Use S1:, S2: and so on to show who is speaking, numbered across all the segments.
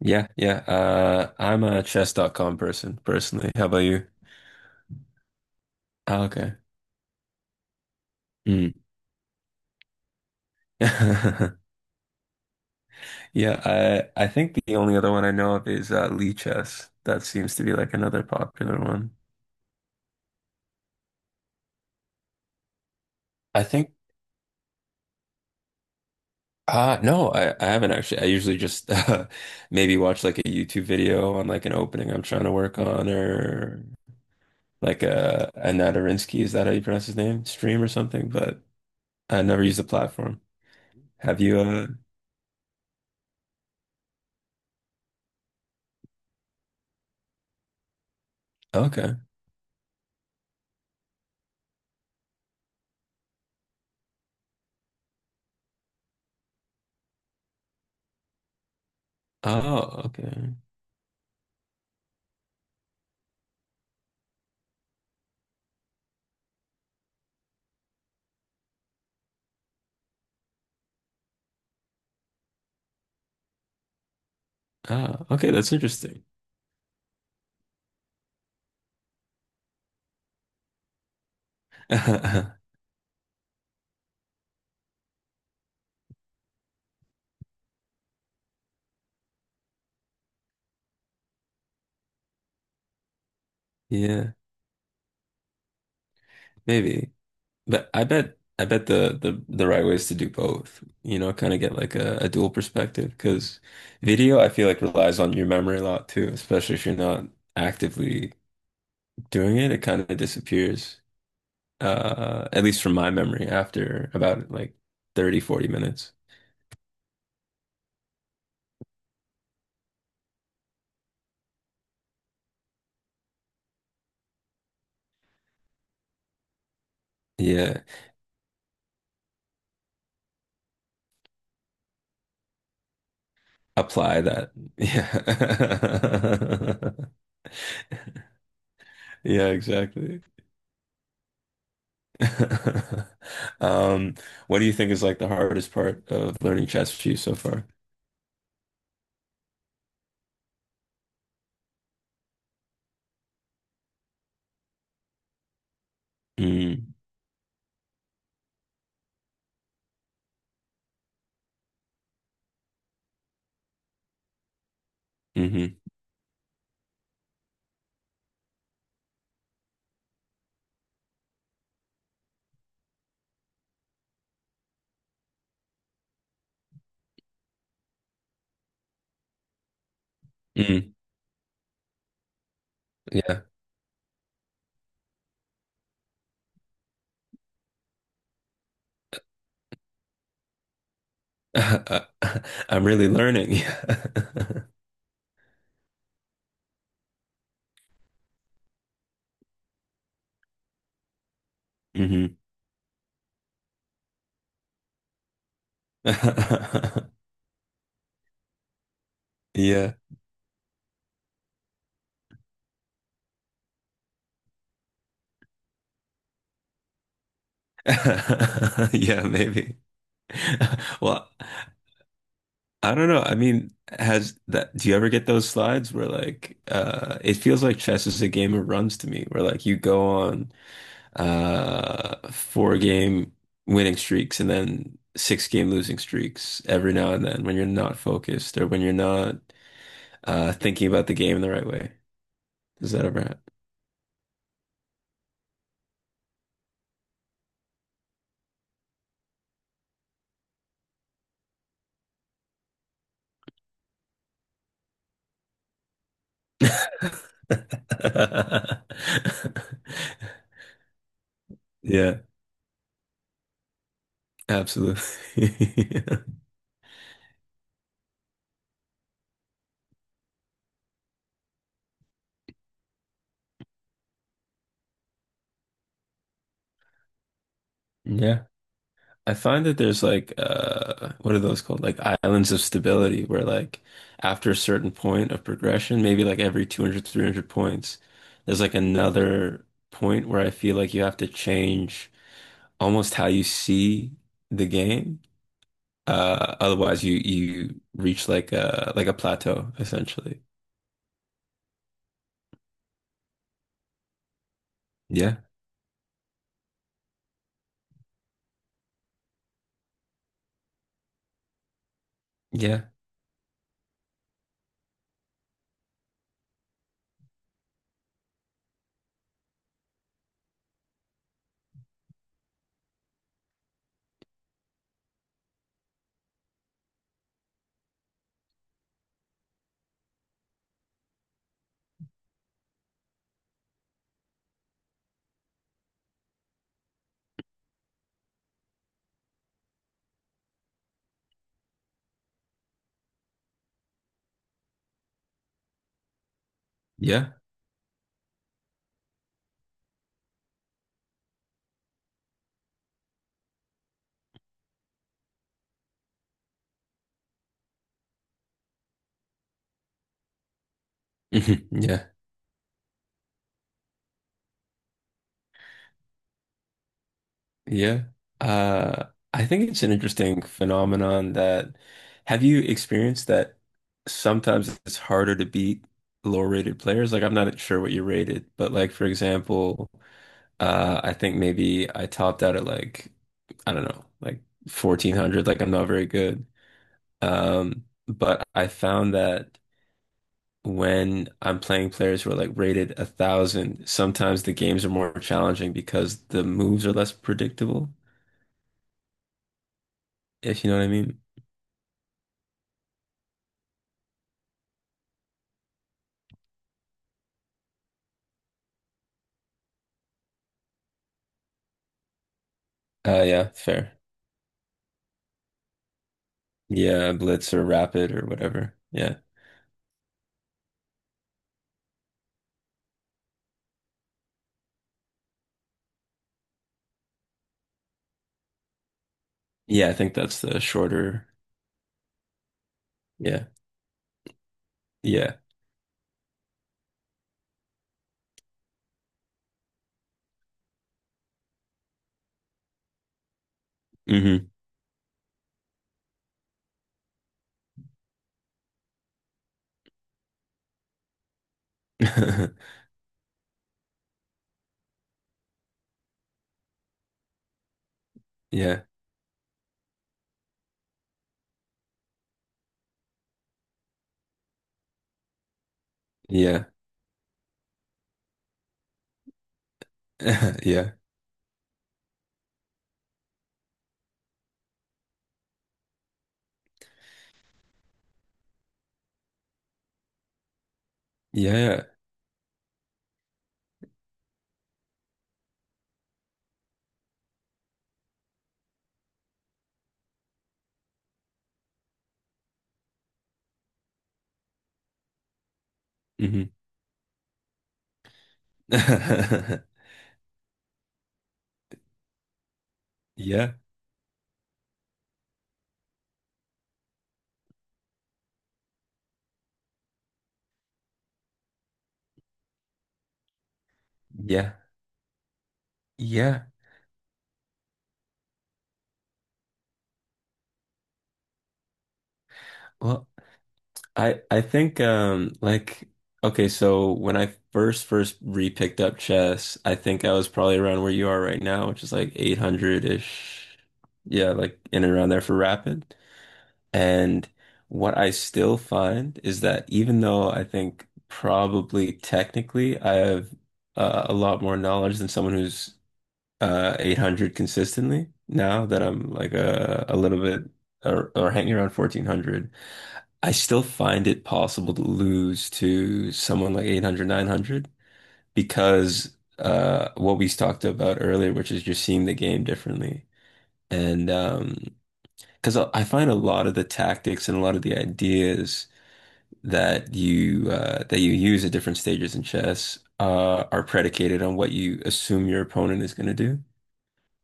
S1: Yeah, yeah. I'm a chess.com person personally. How about you? Oh, okay. Mm. Yeah, I think the only other one I know of is Lee Chess. That seems to be like another popular one. I think no, I haven't actually. I usually just maybe watch like a YouTube video on like an opening I'm trying to work on or like a Anatarinsky, is that how you pronounce his name? Stream or something, but I never use the platform. Have you okay. Oh, okay. Ah, okay, that's interesting. Yeah, maybe. But I bet the right way is to do both. You know, kind of get like a dual perspective because video I feel like relies on your memory a lot too, especially if you're not actively doing it, it kind of disappears. At least from my memory after about like 30, 40 minutes. Yeah, apply that. Yeah. Yeah, exactly. Um, what do you think is like the hardest part of learning ChatGPT so far? Mm, hmm mm, yeah. I'm really learning. Yeah. Hmm. Yeah. Yeah, maybe. Well, I don't know. I mean, has that, do you ever get those slides where like, it feels like chess is a game of runs to me, where like you go on four game winning streaks and then six game losing streaks every now and then when you're not focused or when you're not thinking about the game in the right way. Does that ever happen? Yeah, absolutely. Yeah. I find that there's like what are those called? Like islands of stability where like after a certain point of progression, maybe like every 200, 300 points, there's like another point where I feel like you have to change almost how you see the game. Otherwise you reach like a plateau essentially. Yeah. Yeah. Yeah. Yeah. Yeah. Uh, I think it's an interesting phenomenon that have you experienced that sometimes it's harder to beat lower rated players? Like I'm not sure what you rated, but like for example, I think maybe I topped out at like I don't know, like 1400, like I'm not very good. But I found that when I'm playing players who are like rated a thousand, sometimes the games are more challenging because the moves are less predictable, if you know what I mean. Yeah, fair. Yeah, blitz or rapid or whatever. Yeah. Yeah, I think that's the shorter. Yeah. Yeah. Hmm. Yeah. Yeah. Yeah. Yeah. Hmm. Yeah. Yeah. Yeah. Well, I think like okay, so when I first re-picked up chess, I think I was probably around where you are right now, which is like 800-ish. Yeah, like in and around there for rapid. And what I still find is that even though I think probably technically I have a lot more knowledge than someone who's 800 consistently, now that I'm like a little bit or hanging around 1400, I still find it possible to lose to someone like 800, 900 because what we talked about earlier, which is just seeing the game differently. And because I find a lot of the tactics and a lot of the ideas that you use at different stages in chess are predicated on what you assume your opponent is going to do,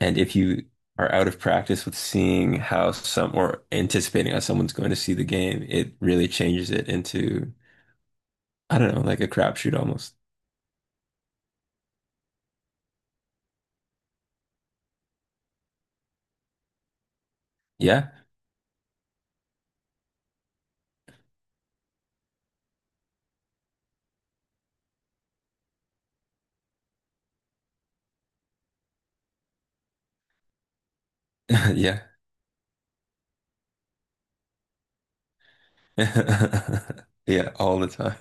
S1: and if you are out of practice with seeing how some or anticipating how someone's going to see the game, it really changes it into I don't know, like a crapshoot almost. Yeah, yeah, yeah, all the time.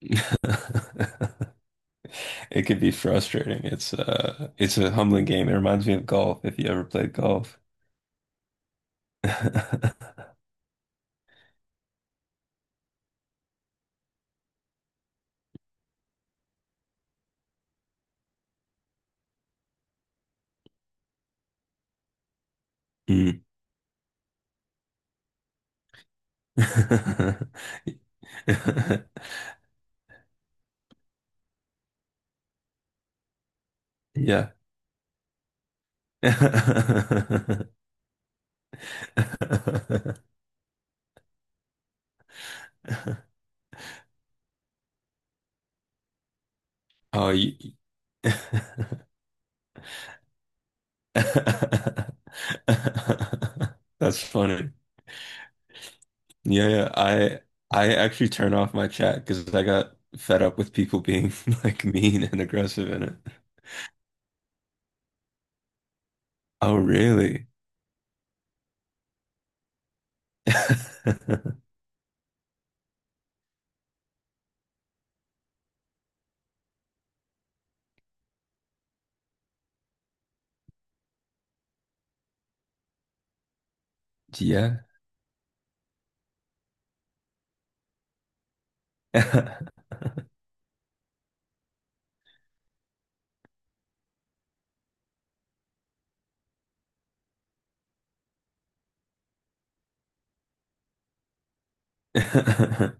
S1: It could be frustrating. It's a humbling game. It reminds me of golf if you ever played golf. Mm. Yeah. Oh, you... That's funny. Yeah, yeah. I actually turn off my chat because I got fed up with people being like mean and aggressive in it. Oh, really? Yeah. That's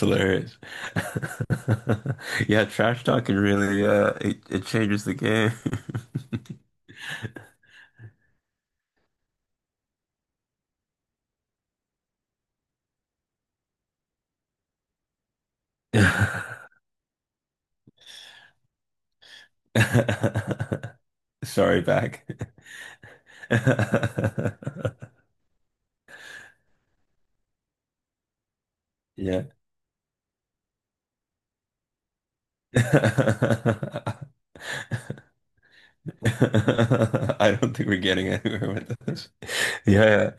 S1: hilarious. Yeah, trash talk can really it changes the game. Sorry, back. Yeah. I don't think we're getting anywhere with this. Yeah,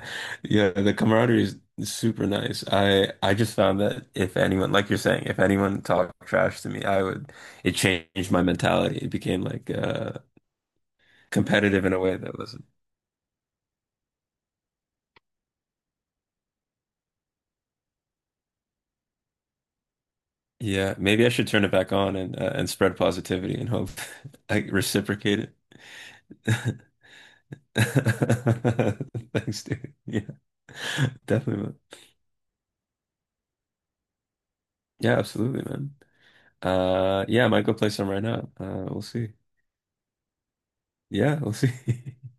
S1: yeah, the camaraderie is super nice. I just found that if anyone, like you're saying, if anyone talked trash to me, I would, it changed my mentality. It became like competitive in a way that was, yeah, maybe I should turn it back on and spread positivity and hope I reciprocate it. Thanks, dude. Yeah, definitely, man. Yeah, absolutely, man. Yeah, I might go play some right now. We'll see. Yeah, we'll see.